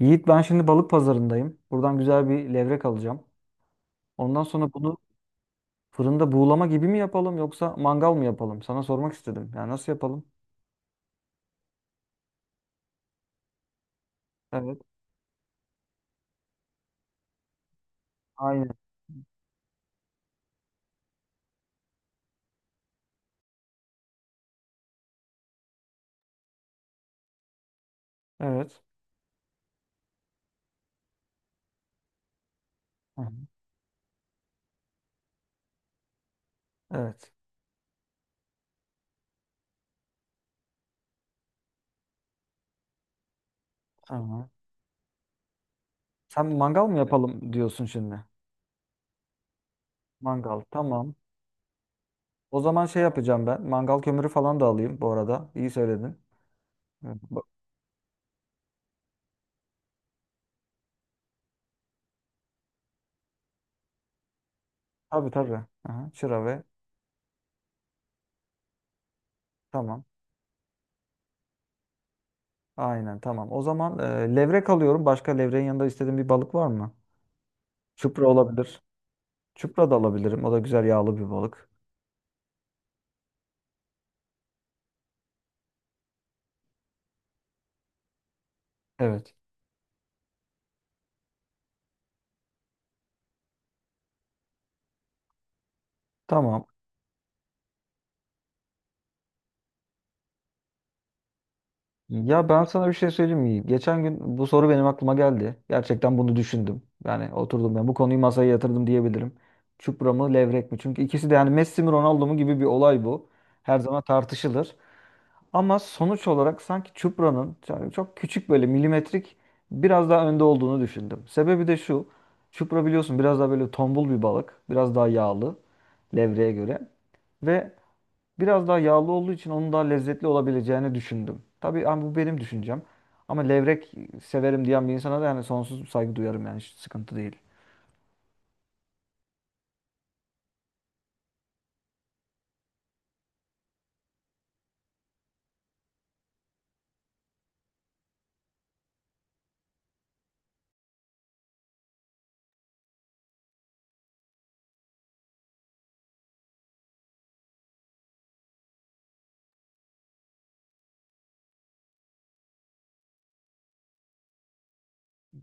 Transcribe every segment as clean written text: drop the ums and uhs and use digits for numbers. Yiğit ben şimdi balık pazarındayım. Buradan güzel bir levrek alacağım. Ondan sonra bunu fırında buğulama gibi mi yapalım yoksa mangal mı yapalım? Sana sormak istedim. Yani nasıl yapalım? Evet. Aynen. Evet. Hı hı. Evet. Aha. Sen mangal mı yapalım diyorsun şimdi? Mangal. Tamam. O zaman şey yapacağım ben. Mangal kömürü falan da alayım bu arada. İyi söyledin. Evet. Tabii tabii. Aha. Çıra ve. Tamam. Aynen tamam. O zaman levrek alıyorum. Başka levreğin yanında istediğin bir balık var mı? Çupra olabilir. Çupra da alabilirim. O da güzel yağlı bir balık. Evet. Tamam. Ya ben sana bir şey söyleyeyim mi? Geçen gün bu soru benim aklıma geldi. Gerçekten bunu düşündüm. Yani oturdum ben bu konuyu masaya yatırdım diyebilirim. Çupra mı levrek mi? Çünkü ikisi de yani Messi mi Ronaldo mu gibi bir olay bu. Her zaman tartışılır. Ama sonuç olarak sanki Çupra'nın yani çok küçük böyle milimetrik biraz daha önde olduğunu düşündüm. Sebebi de şu. Çupra biliyorsun biraz daha böyle tombul bir balık. Biraz daha yağlı levreğe göre. Ve biraz daha yağlı olduğu için onun daha lezzetli olabileceğini düşündüm. Tabii ama bu benim düşüncem. Ama levrek severim diyen bir insana da yani sonsuz saygı duyarım yani hiç sıkıntı değil.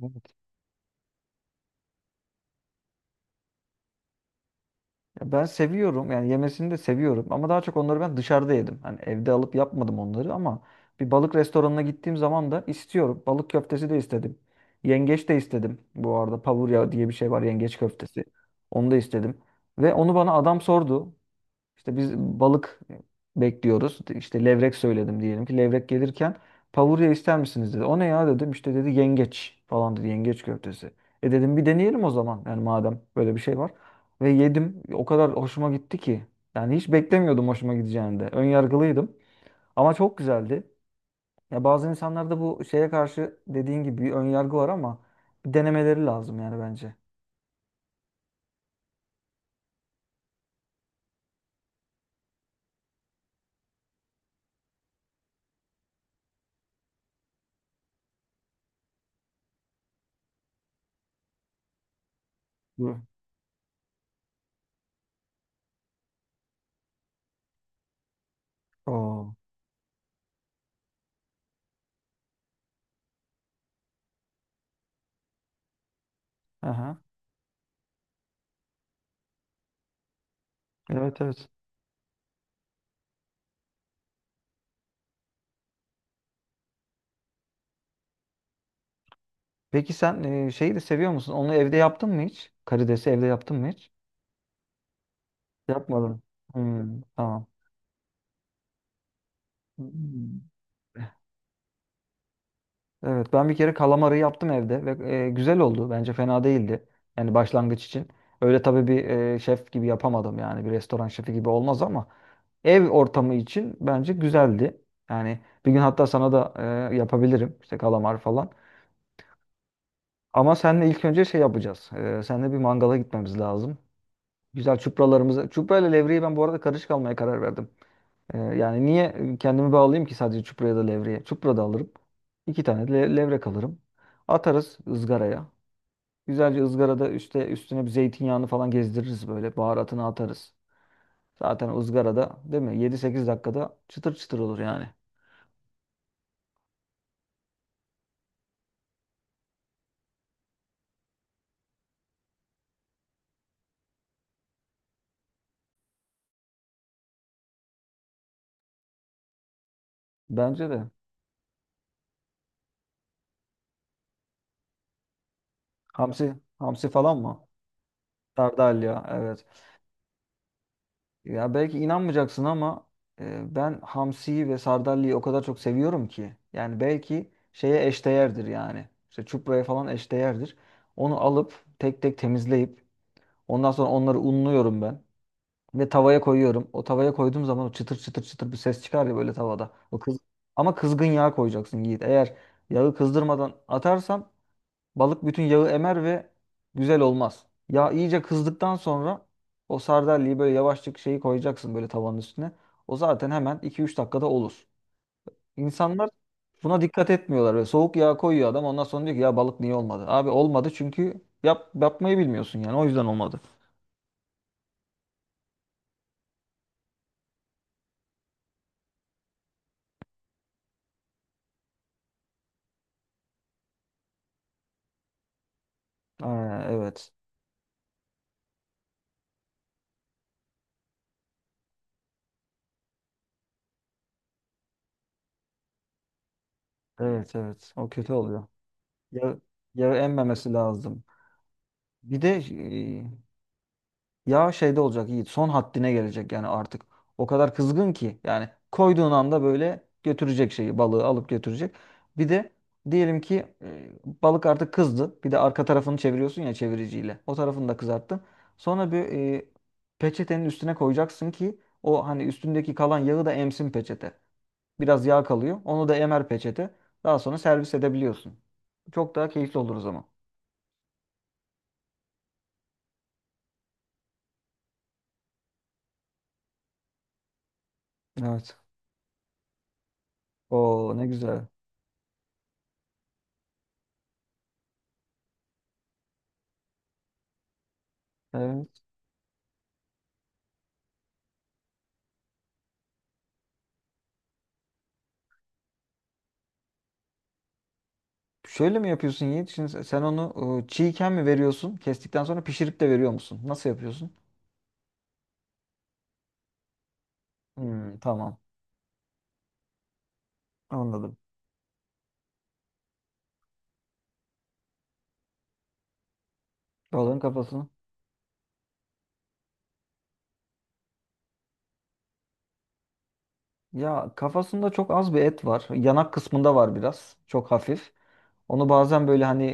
Evet. Ya ben seviyorum yani yemesini de seviyorum ama daha çok onları ben dışarıda yedim. Hani evde alıp yapmadım onları ama bir balık restoranına gittiğim zaman da istiyorum. Balık köftesi de istedim. Yengeç de istedim. Bu arada pavurya diye bir şey var yengeç köftesi. Onu da istedim. Ve onu bana adam sordu. İşte biz balık bekliyoruz. İşte levrek söyledim, diyelim ki levrek gelirken pavurya ister misiniz dedi. O ne ya dedim. İşte dedi yengeç falan dedi. Yengeç köftesi. E dedim bir deneyelim o zaman. Yani madem böyle bir şey var. Ve yedim. O kadar hoşuma gitti ki. Yani hiç beklemiyordum hoşuma gideceğini de. Ön yargılıydım. Ama çok güzeldi. Ya bazı insanlarda bu şeye karşı dediğin gibi bir ön yargı var ama bir denemeleri lazım yani bence. Bu. Oo. Aha. Evet evet. Peki sen şeyi de seviyor musun? Onu evde yaptın mı hiç? Karidesi evde yaptın mı hiç? Yapmadım. Hmm, tamam. Hmm. Evet ben bir kere kalamarı yaptım evde ve güzel oldu. Bence fena değildi. Yani başlangıç için. Öyle tabii bir şef gibi yapamadım yani bir restoran şefi gibi olmaz ama ev ortamı için bence güzeldi. Yani bir gün hatta sana da yapabilirim işte kalamar falan. Ama seninle ilk önce şey yapacağız. Seninle bir mangala gitmemiz lazım. Güzel çupralarımızı. Çupra ile levreyi ben bu arada karışık almaya karar verdim. Yani niye kendimi bağlayayım ki sadece çupraya da levreye? Çupra da alırım. 2 tane de levrek alırım. Atarız ızgaraya. Güzelce ızgarada üstüne bir zeytinyağını falan gezdiririz böyle. Baharatını atarız. Zaten o ızgarada değil mi? 7-8 dakikada çıtır çıtır olur yani. Bence de. Hamsi, hamsi falan mı? Sardalya. Evet. Ya belki inanmayacaksın ama ben hamsiyi ve sardalya o kadar çok seviyorum ki. Yani belki şeye eşdeğerdir yani. İşte çupraya falan eşdeğerdir. Onu alıp tek tek temizleyip ondan sonra onları unluyorum ben. Ve tavaya koyuyorum. O tavaya koyduğum zaman o çıtır çıtır çıtır bir ses çıkar ya böyle tavada. O kız... Ama kızgın yağ koyacaksın Yiğit. Eğer yağı kızdırmadan atarsan balık bütün yağı emer ve güzel olmaz. Yağ iyice kızdıktan sonra o sardalyeyi böyle yavaşçık şeyi koyacaksın böyle tavanın üstüne. O zaten hemen 2-3 dakikada olur. İnsanlar buna dikkat etmiyorlar. Böyle soğuk yağ koyuyor adam ondan sonra diyor ki ya balık niye olmadı? Abi olmadı çünkü yapmayı bilmiyorsun yani o yüzden olmadı. Aa, evet. Evet evet, o kötü oluyor. Yağı, yağı emmemesi lazım. Bir de ya şeyde olacak Yiğit, son haddine gelecek yani artık. O kadar kızgın ki yani koyduğun anda böyle götürecek şeyi balığı alıp götürecek. Bir de diyelim ki balık artık kızdı. Bir de arka tarafını çeviriyorsun ya çeviriciyle. O tarafını da kızarttın. Sonra bir e, peçetenin üstüne koyacaksın ki o hani üstündeki kalan yağı da emsin peçete. Biraz yağ kalıyor. Onu da emer peçete. Daha sonra servis edebiliyorsun. Çok daha keyifli olur o zaman. Evet. Oo, ne güzel. Evet. Şöyle mi yapıyorsun Yiğit? Şimdi sen onu çiğken mi veriyorsun? Kestikten sonra pişirip de veriyor musun? Nasıl yapıyorsun? Hmm, tamam. Anladım. Balığın kafasını. Ya kafasında çok az bir et var. Yanak kısmında var biraz. Çok hafif. Onu bazen böyle hani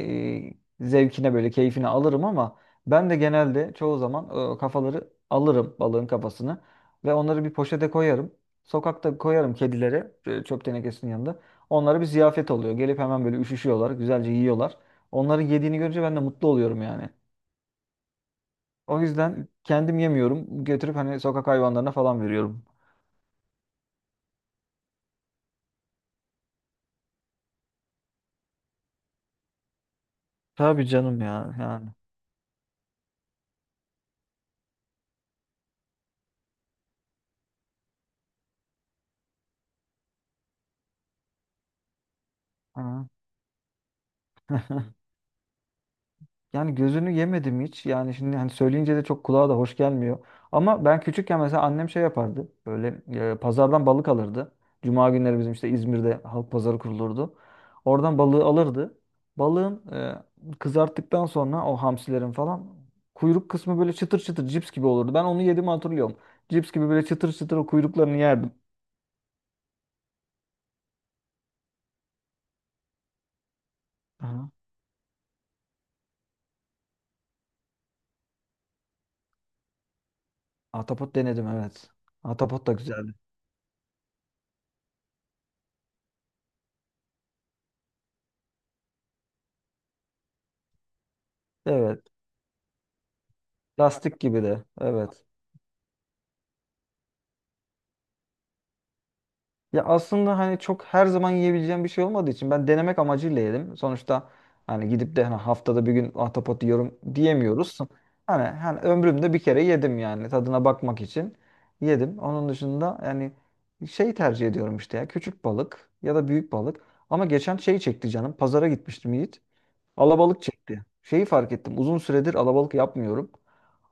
zevkine böyle keyfine alırım ama ben de genelde çoğu zaman o kafaları alırım balığın kafasını ve onları bir poşete koyarım. Sokakta koyarım kedilere, çöp tenekesinin yanında. Onlara bir ziyafet oluyor. Gelip hemen böyle üşüşüyorlar, güzelce yiyorlar. Onların yediğini görünce ben de mutlu oluyorum yani. O yüzden kendim yemiyorum. Götürüp hani sokak hayvanlarına falan veriyorum. Tabii canım ya yani. Ha. Yani gözünü yemedim hiç. Yani şimdi hani söyleyince de çok kulağa da hoş gelmiyor. Ama ben küçükken mesela annem şey yapardı. Böyle pazardan balık alırdı. Cuma günleri bizim işte İzmir'de halk pazarı kurulurdu. Oradan balığı alırdı. Balığın kızarttıktan sonra o hamsilerin falan kuyruk kısmı böyle çıtır çıtır cips gibi olurdu. Ben onu yedim hatırlıyorum. Cips gibi böyle çıtır çıtır o kuyruklarını yerdim. Aha. Ahtapot denedim, evet. Ahtapot da güzeldi. Evet. Lastik gibi de. Evet. Ya aslında hani çok her zaman yiyebileceğim bir şey olmadığı için ben denemek amacıyla yedim. Sonuçta hani gidip de hani haftada bir gün ahtapot yiyorum diyemiyoruz. Hani ömrümde bir kere yedim yani tadına bakmak için yedim. Onun dışında yani şey tercih ediyorum işte ya küçük balık ya da büyük balık. Ama geçen şey çekti canım. Pazara gitmiştim Yiğit. Alabalık çekti. Şeyi fark ettim. Uzun süredir alabalık yapmıyorum.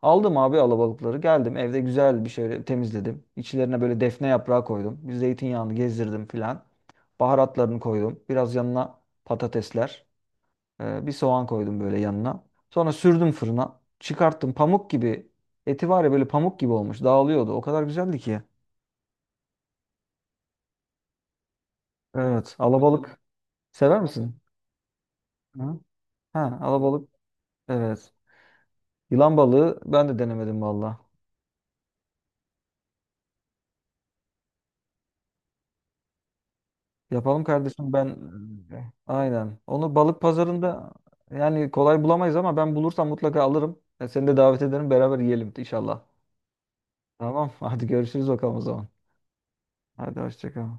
Aldım abi alabalıkları. Geldim evde güzel bir şey temizledim. İçlerine böyle defne yaprağı koydum. Bir zeytinyağını gezdirdim filan. Baharatlarını koydum. Biraz yanına patatesler. Bir soğan koydum böyle yanına. Sonra sürdüm fırına. Çıkarttım pamuk gibi. Eti var ya böyle pamuk gibi olmuş. Dağılıyordu. O kadar güzeldi ki. Evet. Alabalık. Sever misin? Hı? Ha, alabalık. Evet. Yılan balığı ben de denemedim valla. Yapalım kardeşim. Ben aynen. Onu balık pazarında yani kolay bulamayız ama ben bulursam mutlaka alırım. Seni de davet ederim, beraber yiyelim inşallah. Tamam hadi görüşürüz bakalım o zaman. Hadi hoşça kal.